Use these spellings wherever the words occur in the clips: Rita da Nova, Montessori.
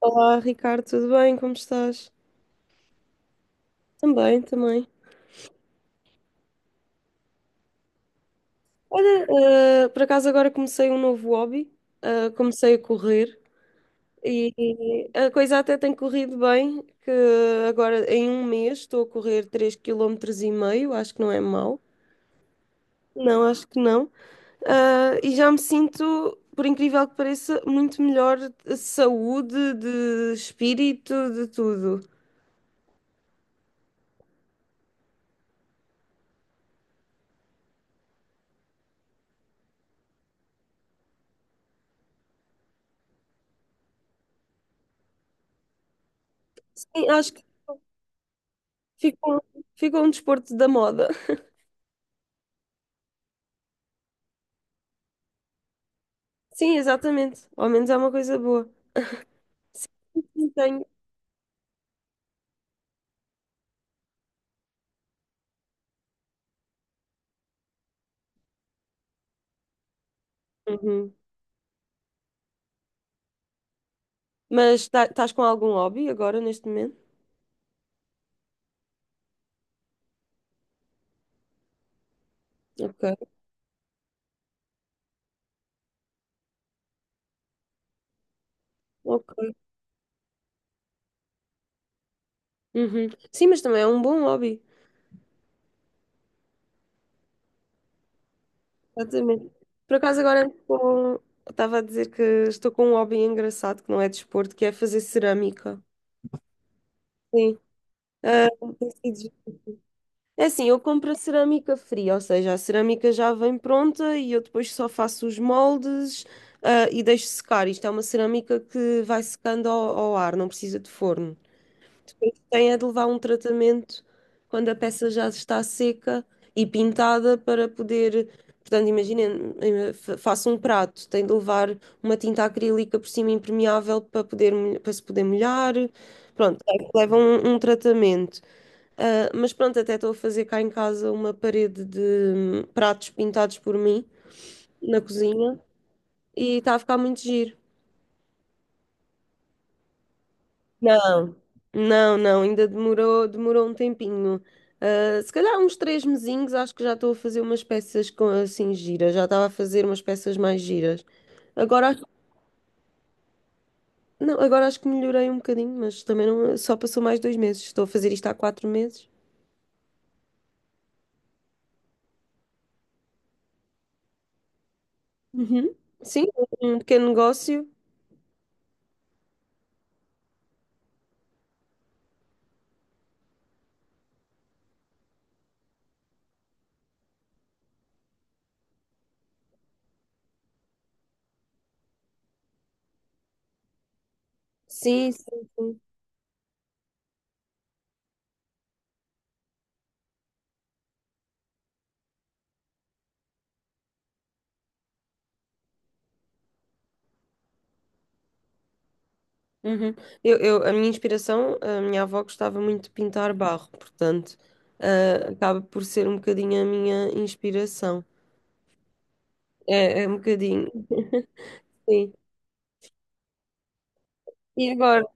Olá, Ricardo, tudo bem? Como estás? Também, também. Olha, por acaso agora comecei um novo hobby, comecei a correr e a coisa até tem corrido bem, que agora em um mês estou a correr 3,5 km, acho que não é mau. Não, acho que não. Ah, e já me sinto, por incrível que pareça, muito melhor de saúde, de espírito, de tudo. Sim, acho que ficou, ficou um desporto da moda. Sim, exatamente. Ao menos é uma coisa boa. Não tenho. Uhum. Mas estás com algum hobby agora neste momento? Ok, ok. Uhum. Sim, mas também é um bom hobby. Exatamente. Por acaso agora estava a dizer que estou com um hobby engraçado que não é desporto, que é fazer cerâmica. Sim. Ah, giro. É assim, eu compro a cerâmica fria, ou seja, a cerâmica já vem pronta e eu depois só faço os moldes, ah, e deixo secar. Isto é uma cerâmica que vai secando ao ar, não precisa de forno. Tem é de levar um tratamento quando a peça já está seca e pintada para poder. Portanto, imaginem, faço um prato, tem de levar uma tinta acrílica por cima impermeável para poder, para se poder molhar. Pronto, é que leva um tratamento. Ah, mas pronto, até estou a fazer cá em casa uma parede de pratos pintados por mim na cozinha, e está a ficar muito giro. Não, não, não, ainda demorou um tempinho. Ah, se calhar uns 3 mesinhos, acho que já estou a fazer umas peças com, assim giras, já estava a fazer umas peças mais giras. Agora, não, agora acho que melhorei um bocadinho, mas também não, só passou mais 2 meses. Estou a fazer isto há 4 meses. Uhum. Sim, um pequeno negócio. Sim, sim, sim. Uhum. A minha inspiração, a minha avó gostava muito de pintar barro, portanto, ah, acaba por ser um bocadinho a minha inspiração. É, é um bocadinho. Sim. E agora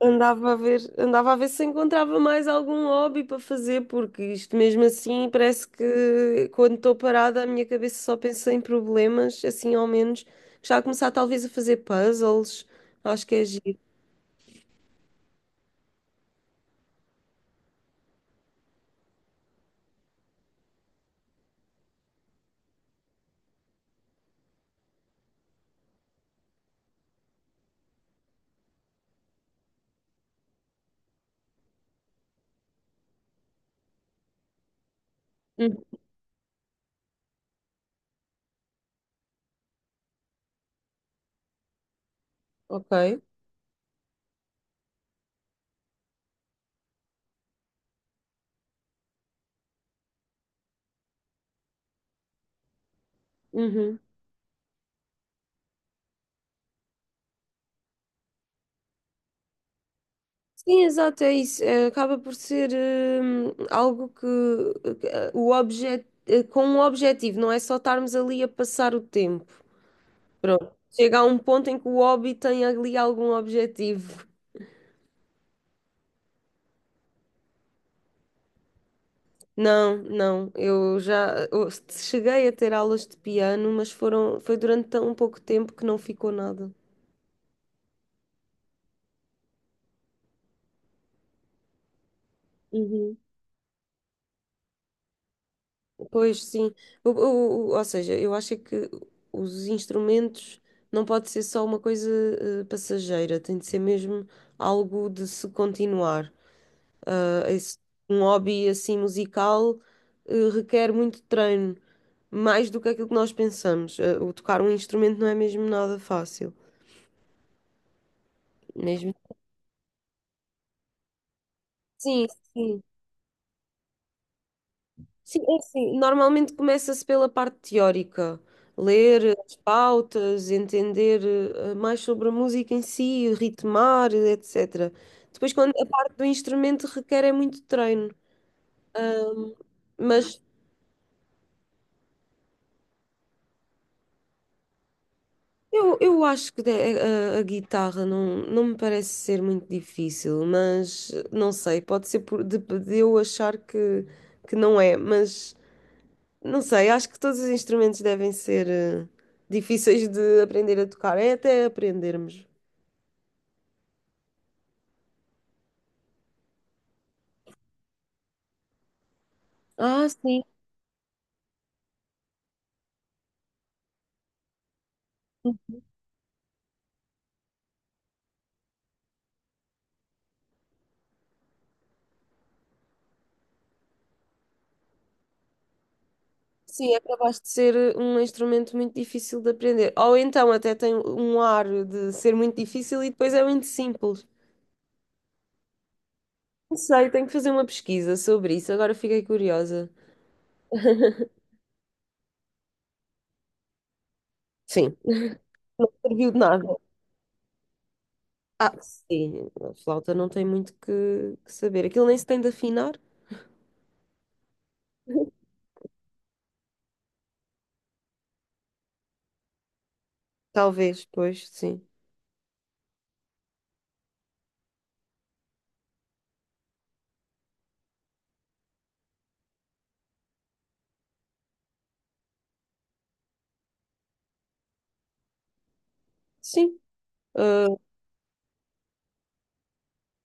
andava a ver se encontrava mais algum hobby para fazer, porque isto mesmo assim parece que quando estou parada a minha cabeça só pensa em problemas, assim ao menos. Já a começar talvez a fazer puzzles, acho que é giro. Hum, Ok. Uhum. Sim, exato, é isso. É, acaba por ser algo que o objeto, com um objetivo, não é só estarmos ali a passar o tempo. Pronto. Chega a um ponto em que o hobby tem ali algum objetivo. Não, não, eu cheguei a ter aulas de piano, mas foi durante tão pouco tempo que não ficou nada. Uhum. Pois sim, ou seja, eu acho é que os instrumentos não pode ser só uma coisa passageira, tem de ser mesmo algo de se continuar. Eh, esse- um hobby assim musical requer muito treino, mais do que aquilo que nós pensamos. O tocar um instrumento não é mesmo nada fácil. Mesmo. Sim, sim. Sim, é assim. Normalmente começa-se pela parte teórica, ler as pautas, entender mais sobre a música em si, ritmar, etc. Depois, quando a parte do instrumento requer é muito treino. Ahm, mas eu acho que a guitarra não, não me parece ser muito difícil, mas não sei, pode ser de eu achar que não é, mas não sei, acho que todos os instrumentos devem ser difíceis de aprender a tocar, é até aprendermos. Ah, sim. Sim, é capaz de ser um instrumento muito difícil de aprender. Ou então até tem um ar de ser muito difícil e depois é muito simples. Não sei, tenho que fazer uma pesquisa sobre isso, agora fiquei curiosa. Sim, não serviu de nada. Ah, sim, a flauta não tem muito que saber. Aquilo nem se tem de afinar. Talvez, pois, sim. Sim.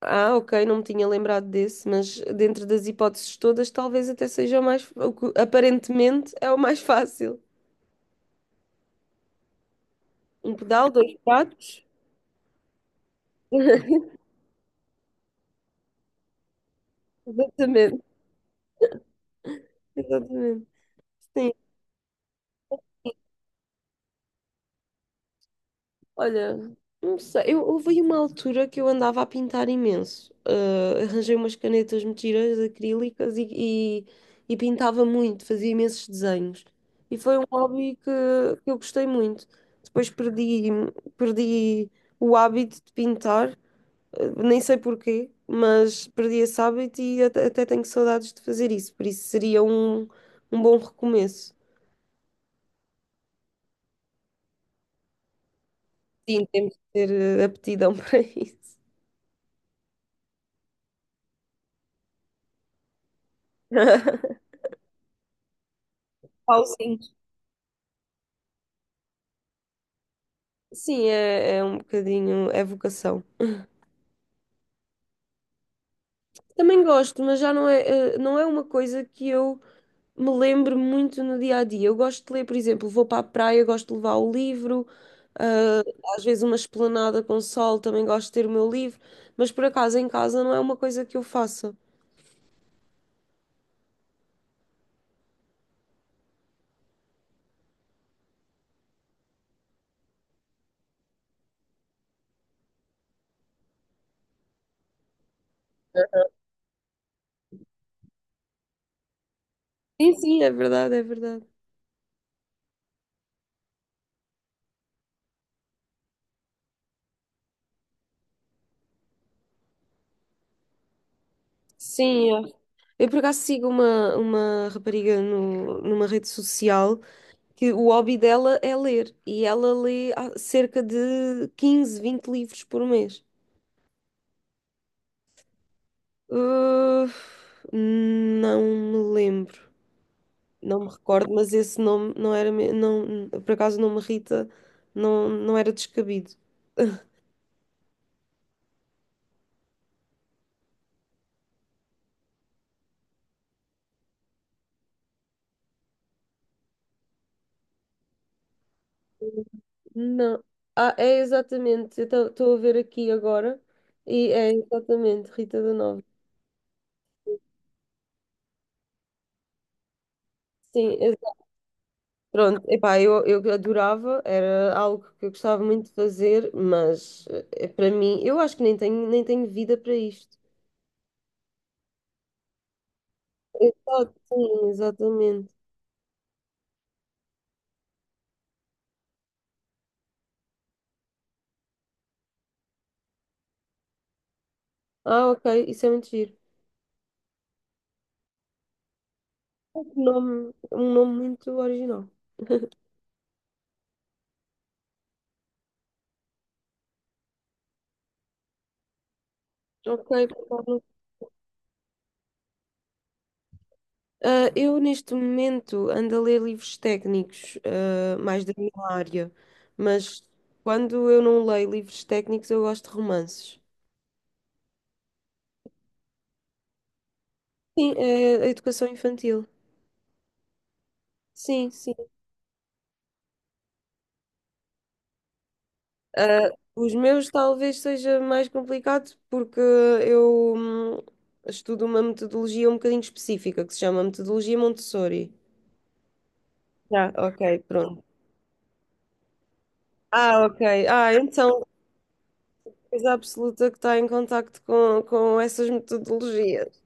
Ah, ah, ok, não me tinha lembrado desse, mas dentro das hipóteses todas, talvez até seja o mais, o que aparentemente é o mais fácil. Um pedal, dois pratos. Exatamente, exatamente. Sim. Olha, não sei. Houve aí uma altura que eu andava a pintar imenso. Ah, arranjei umas canetas mentiras acrílicas e, e pintava muito, fazia imensos desenhos. E foi um hobby que eu gostei muito. Depois perdi o hábito de pintar, ah, nem sei porquê, mas perdi esse hábito e até tenho saudades de fazer isso. Por isso seria um bom recomeço. Sim, temos de ter aptidão para isso. Pauzinho. Sim, é, é um bocadinho, é vocação. Também gosto, mas já não é, não é uma coisa que eu me lembro muito no dia a dia. Eu gosto de ler, por exemplo, vou para a praia, gosto de levar o livro, ah, às vezes uma esplanada com sol, também gosto de ter o meu livro, mas por acaso em casa não é uma coisa que eu faça. Sim, sim, é verdade, é verdade. Sim, é. Eu por acaso sigo uma rapariga no, numa rede social que o hobby dela é ler, e ela lê cerca de 15-20 livros por mês. Uh, não me lembro, não me recordo, mas esse nome não era, não, por acaso o nome Rita não, não era descabido. Não. Ah, é exatamente, eu estou a ver aqui agora e é exatamente Rita da Nova. Sim. Pronto, epá, eu adorava, era algo que eu gostava muito de fazer, mas para mim, eu acho que nem tenho vida para isto. Exato, sim, exatamente. Ah, ok, isso é muito giro. Um nome muito original. Ok, Paulo. Ah, eu neste momento ando a ler livros técnicos, mais da minha área, mas quando eu não leio livros técnicos, eu gosto de romances. Sim, é a educação infantil. Sim, sim. Ah, os meus talvez seja mais complicado porque eu estudo uma metodologia um bocadinho específica que se chama metodologia Montessori. Já. Ok, pronto. Ah, ok. Ah, então, coisa absoluta que está em contacto com essas metodologias.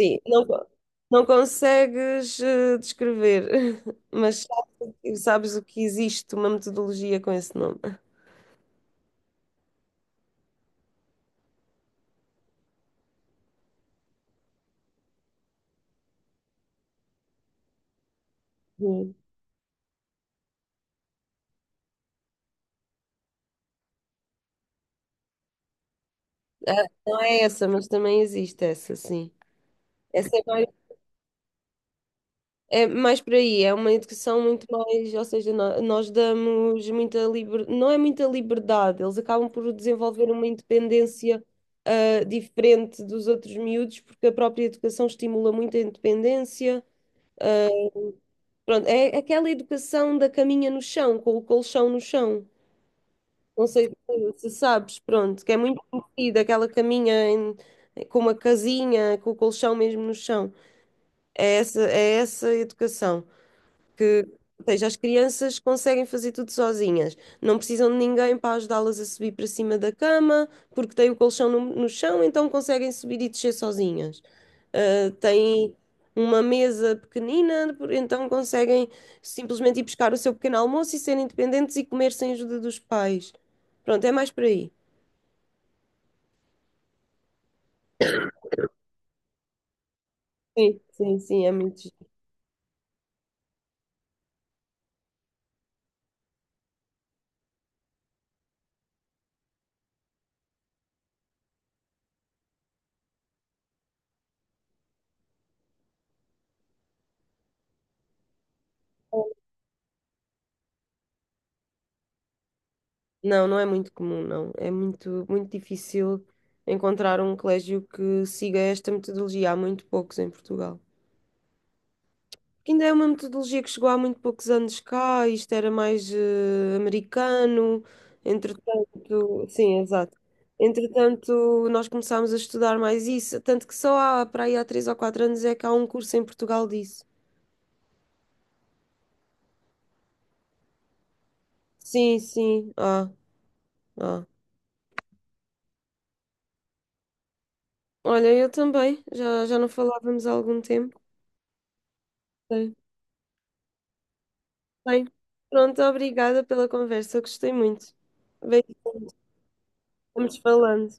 Sim, não, não consegues descrever, mas sabes o que existe uma metodologia com esse nome. Hum. Ah, não é essa, mas também existe essa, sim. Essa é mais É mais por aí, é uma educação muito mais, ou seja, nós damos muita liberdade, não é muita liberdade, eles acabam por desenvolver uma independência diferente dos outros miúdos, porque a própria educação estimula muito a independência. Pronto, é aquela educação da caminha no chão, com o colchão no chão. Não sei se se sabes, pronto, que é muito conhecida, aquela caminha com uma casinha, com o colchão mesmo no chão. É essa educação, que, ou seja, as crianças conseguem fazer tudo sozinhas, não precisam de ninguém para ajudá-las a subir para cima da cama, porque têm o colchão no chão, então conseguem subir e descer sozinhas. Ah, têm uma mesa pequenina, então conseguem simplesmente ir buscar o seu pequeno almoço e serem independentes e comer sem ajuda dos pais. Pronto, é mais por aí. Sim, sim, sim, é muito giro. Não, não é muito comum, não. É muito, muito difícil encontrar um colégio que siga esta metodologia. Há muito poucos em Portugal. Que ainda é uma metodologia que chegou há muito poucos anos cá, isto era mais americano, entretanto, sim, exato. Entretanto, nós começámos a estudar mais isso, tanto que só há, para aí há 3 ou 4 anos é que há um curso em Portugal disso. Sim, sim, ah, ah. Olha, eu também, já não falávamos há algum tempo. Sim. Bem, pronto, obrigada pela conversa, gostei muito. Beijinhos, estamos falando.